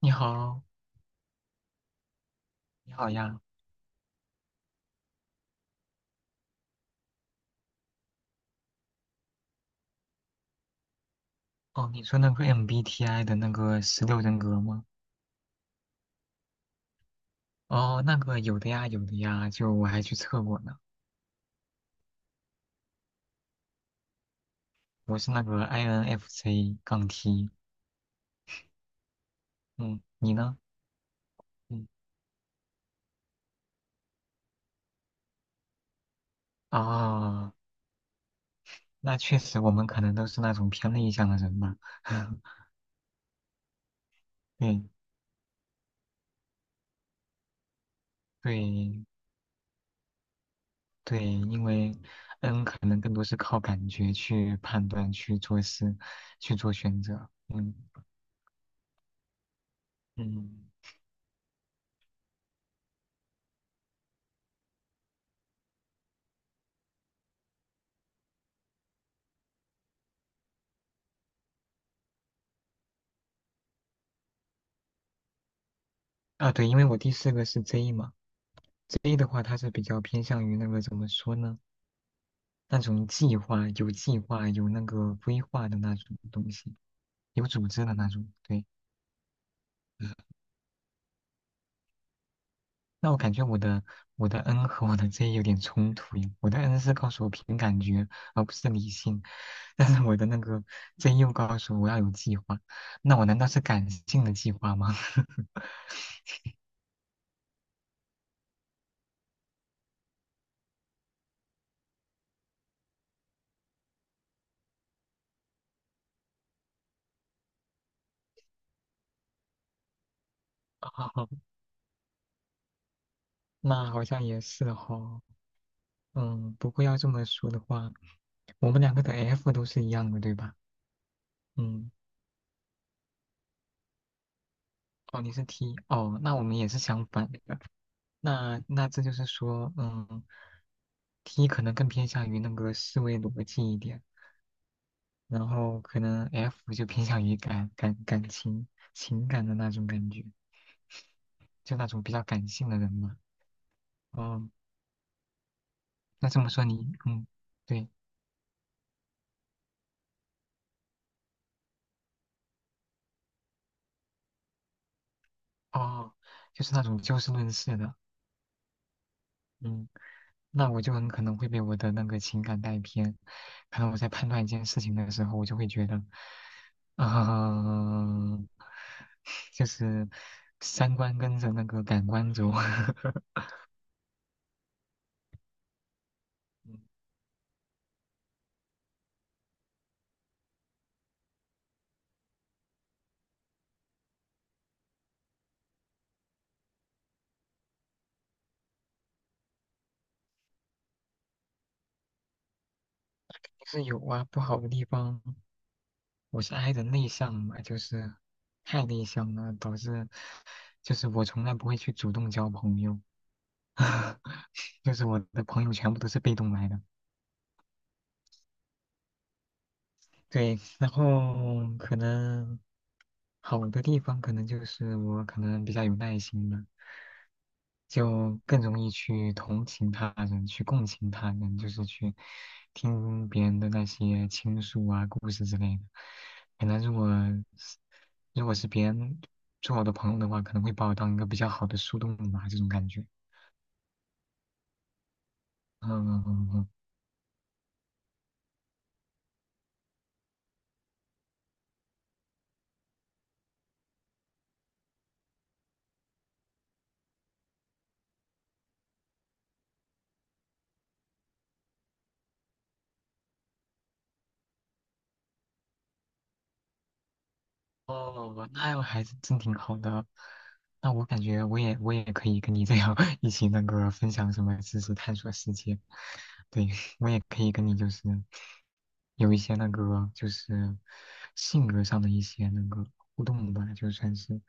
你好，你好呀。哦，你说那个 MBTI 的那个16人格吗？哦，那个有的呀，有的呀，就我还去测过呢。我是那个 INFJ 杠 T。嗯，你呢？嗯，哦，那确实，我们可能都是那种偏内向的人吧。对对对，因为 N 可能更多是靠感觉去判断、去做事、去做选择。嗯嗯，啊，对，因为我第四个是 J 嘛。A 的话，它是比较偏向于那个怎么说呢？那种计划、有计划、有那个规划的那种东西，有组织的那种。对，那我感觉我的 N 和我的 Z 有点冲突耶。我的 N 是告诉我凭感觉，而不是理性，但是我的那个 Z 又告诉我要有计划。那我难道是感性的计划吗？哦，那好像也是哦。嗯，不过要这么说的话，我们两个的 F 都是一样的，对吧？嗯。哦，你是 T 哦，那我们也是相反的。那这就是说，嗯，T 可能更偏向于那个思维逻辑一点，然后可能 F 就偏向于感感感情情感的那种感觉，就那种比较感性的人嘛。哦，那这么说你，嗯，对，哦，就是那种就事论事的，嗯。那我就很可能会被我的那个情感带偏。可能我在判断一件事情的时候，我就会觉得，嗯、就是三观跟着那个感官走。嗯就是有啊，不好的地方，我是 I 人内向嘛，就是太内向了，导致就是我从来不会去主动交朋友，就是我的朋友全部都是被动来的。对，然后可能好的地方可能就是我可能比较有耐心吧，就更容易去同情他人，去共情他人，就是去听别人的那些倾诉啊、故事之类的。可能是如果是别人做我的朋友的话，可能会把我当一个比较好的树洞吧，这种感觉。嗯嗯嗯嗯哦，那样还是真挺好的。那我感觉我也可以跟你这样 一起那个分享什么知识，探索世界。对，我也可以跟你就是有一些那个就是性格上的一些那个互动吧，就算是。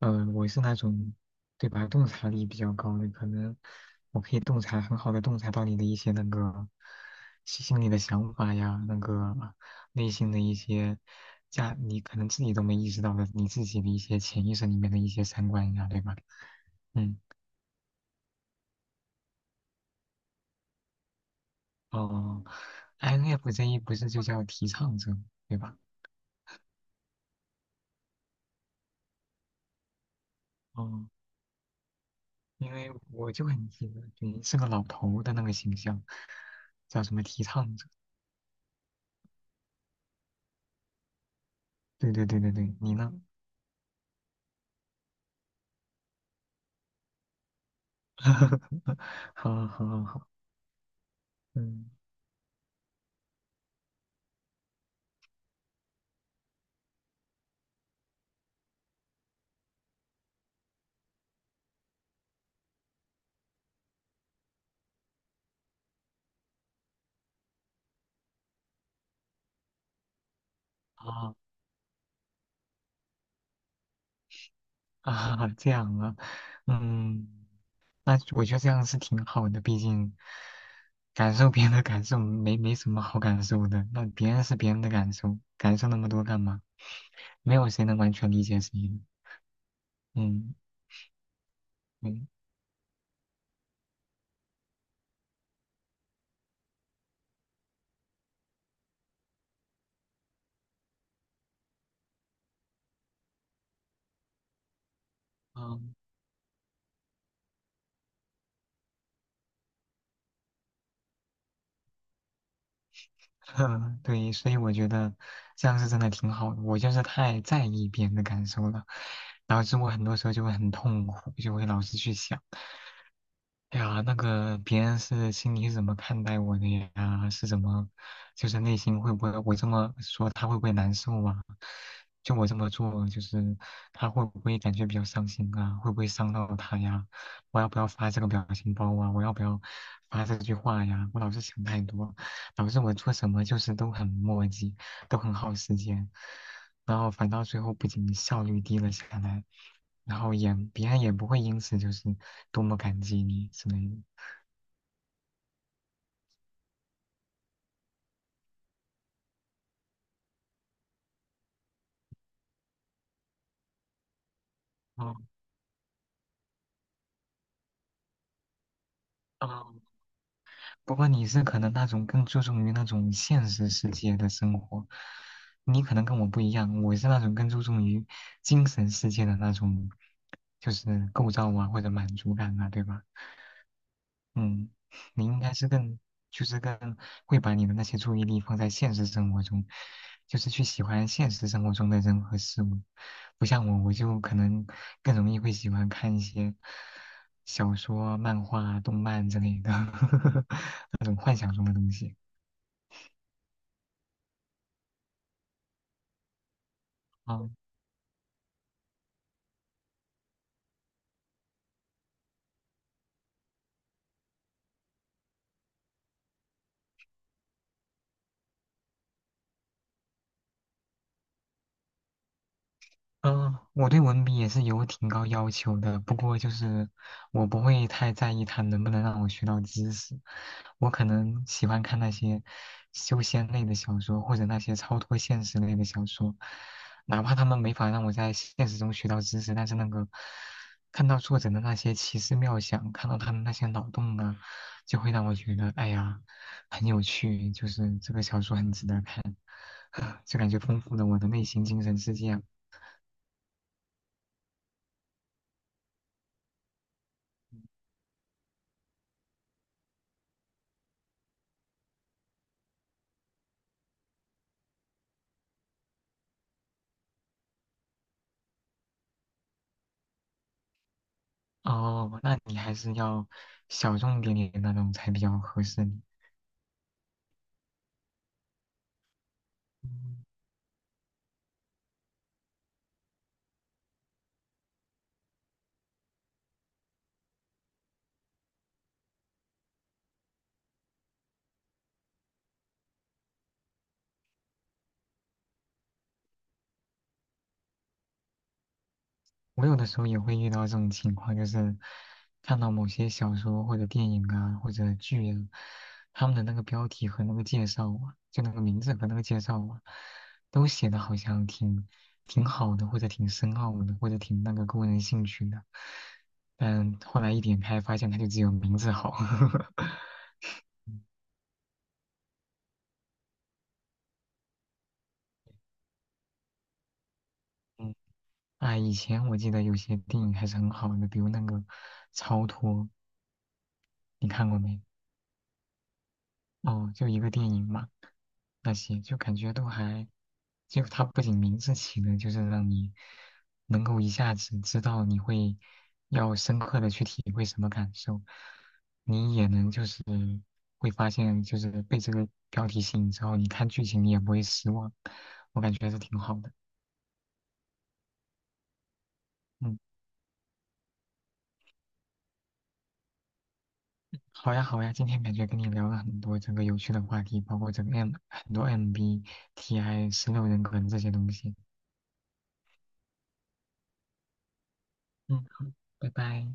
我是那种对吧，洞察力比较高的，可能我可以洞察很好的洞察到你的一些那个心里的想法呀，那个内心的一些你可能自己都没意识到的，你自己的一些潜意识里面的一些三观呀，对吧？嗯，哦，INFJ 不是就叫提倡者，对吧？哦，因为我就很记得你是个老头的那个形象，叫什么提倡者？对对对对对，你呢？好好好好，嗯，啊 啊，这样啊，嗯，那我觉得这样是挺好的，毕竟感受别人的感受没什么好感受的，那别人是别人的感受，感受那么多干嘛？没有谁能完全理解谁的，嗯嗯嗯，对，所以我觉得这样是真的挺好的，我就是太在意别人的感受了，导致我很多时候就会很痛苦，就会老是去想。哎呀，那个别人是心里是怎么看待我的呀？是怎么，就是内心会不会我这么说他会不会难受啊？就我这么做，就是他会不会感觉比较伤心啊？会不会伤到他呀？我要不要发这个表情包啊？我要不要发这句话呀？我老是想太多，导致我做什么就是都很磨叽。都很耗时间，然后反倒最后不仅效率低了下来，然后也别人也不会因此就是多么感激你之类的。哦哦，不过你是可能那种更注重于那种现实世界的生活，你可能跟我不一样，我是那种更注重于精神世界的那种，就是构造啊或者满足感啊，对吧？嗯，你应该是更，就是更会把你的那些注意力放在现实生活中，就是去喜欢现实生活中的人和事物，不像我，我就可能更容易会喜欢看一些小说、漫画、动漫之类的 那种幻想中的东西。啊。嗯，我对文笔也是有挺高要求的，不过就是我不会太在意它能不能让我学到知识，我可能喜欢看那些修仙类的小说，或者那些超脱现实类的小说，哪怕他们没法让我在现实中学到知识，但是那个看到作者的那些奇思妙想，看到他们那些脑洞啊，就会让我觉得哎呀很有趣，就是这个小说很值得看，就感觉丰富了我的内心精神世界啊。哦，那你还是要小众点那种才比较合适你。嗯我有的时候也会遇到这种情况，就是看到某些小说或者电影啊或者剧啊，他们的那个标题和那个介绍啊，就那个名字和那个介绍啊，都写的好像挺好的，或者挺深奥的，或者挺那个勾人兴趣的。但后来一点开，发现它就只有名字好。嗯以前我记得有些电影还是很好的，比如那个《超脱》，你看过没？哦，就一个电影嘛，那些就感觉都还，就它不仅名字起的，就是让你能够一下子知道你会要深刻的去体会什么感受，你也能就是会发现，就是被这个标题吸引之后，你看剧情你也不会失望，我感觉还是挺好的。嗯。好呀，好呀，今天感觉跟你聊了很多整个有趣的话题，包括整个 很多 MBTI 16人格这些东西。嗯，好，拜拜。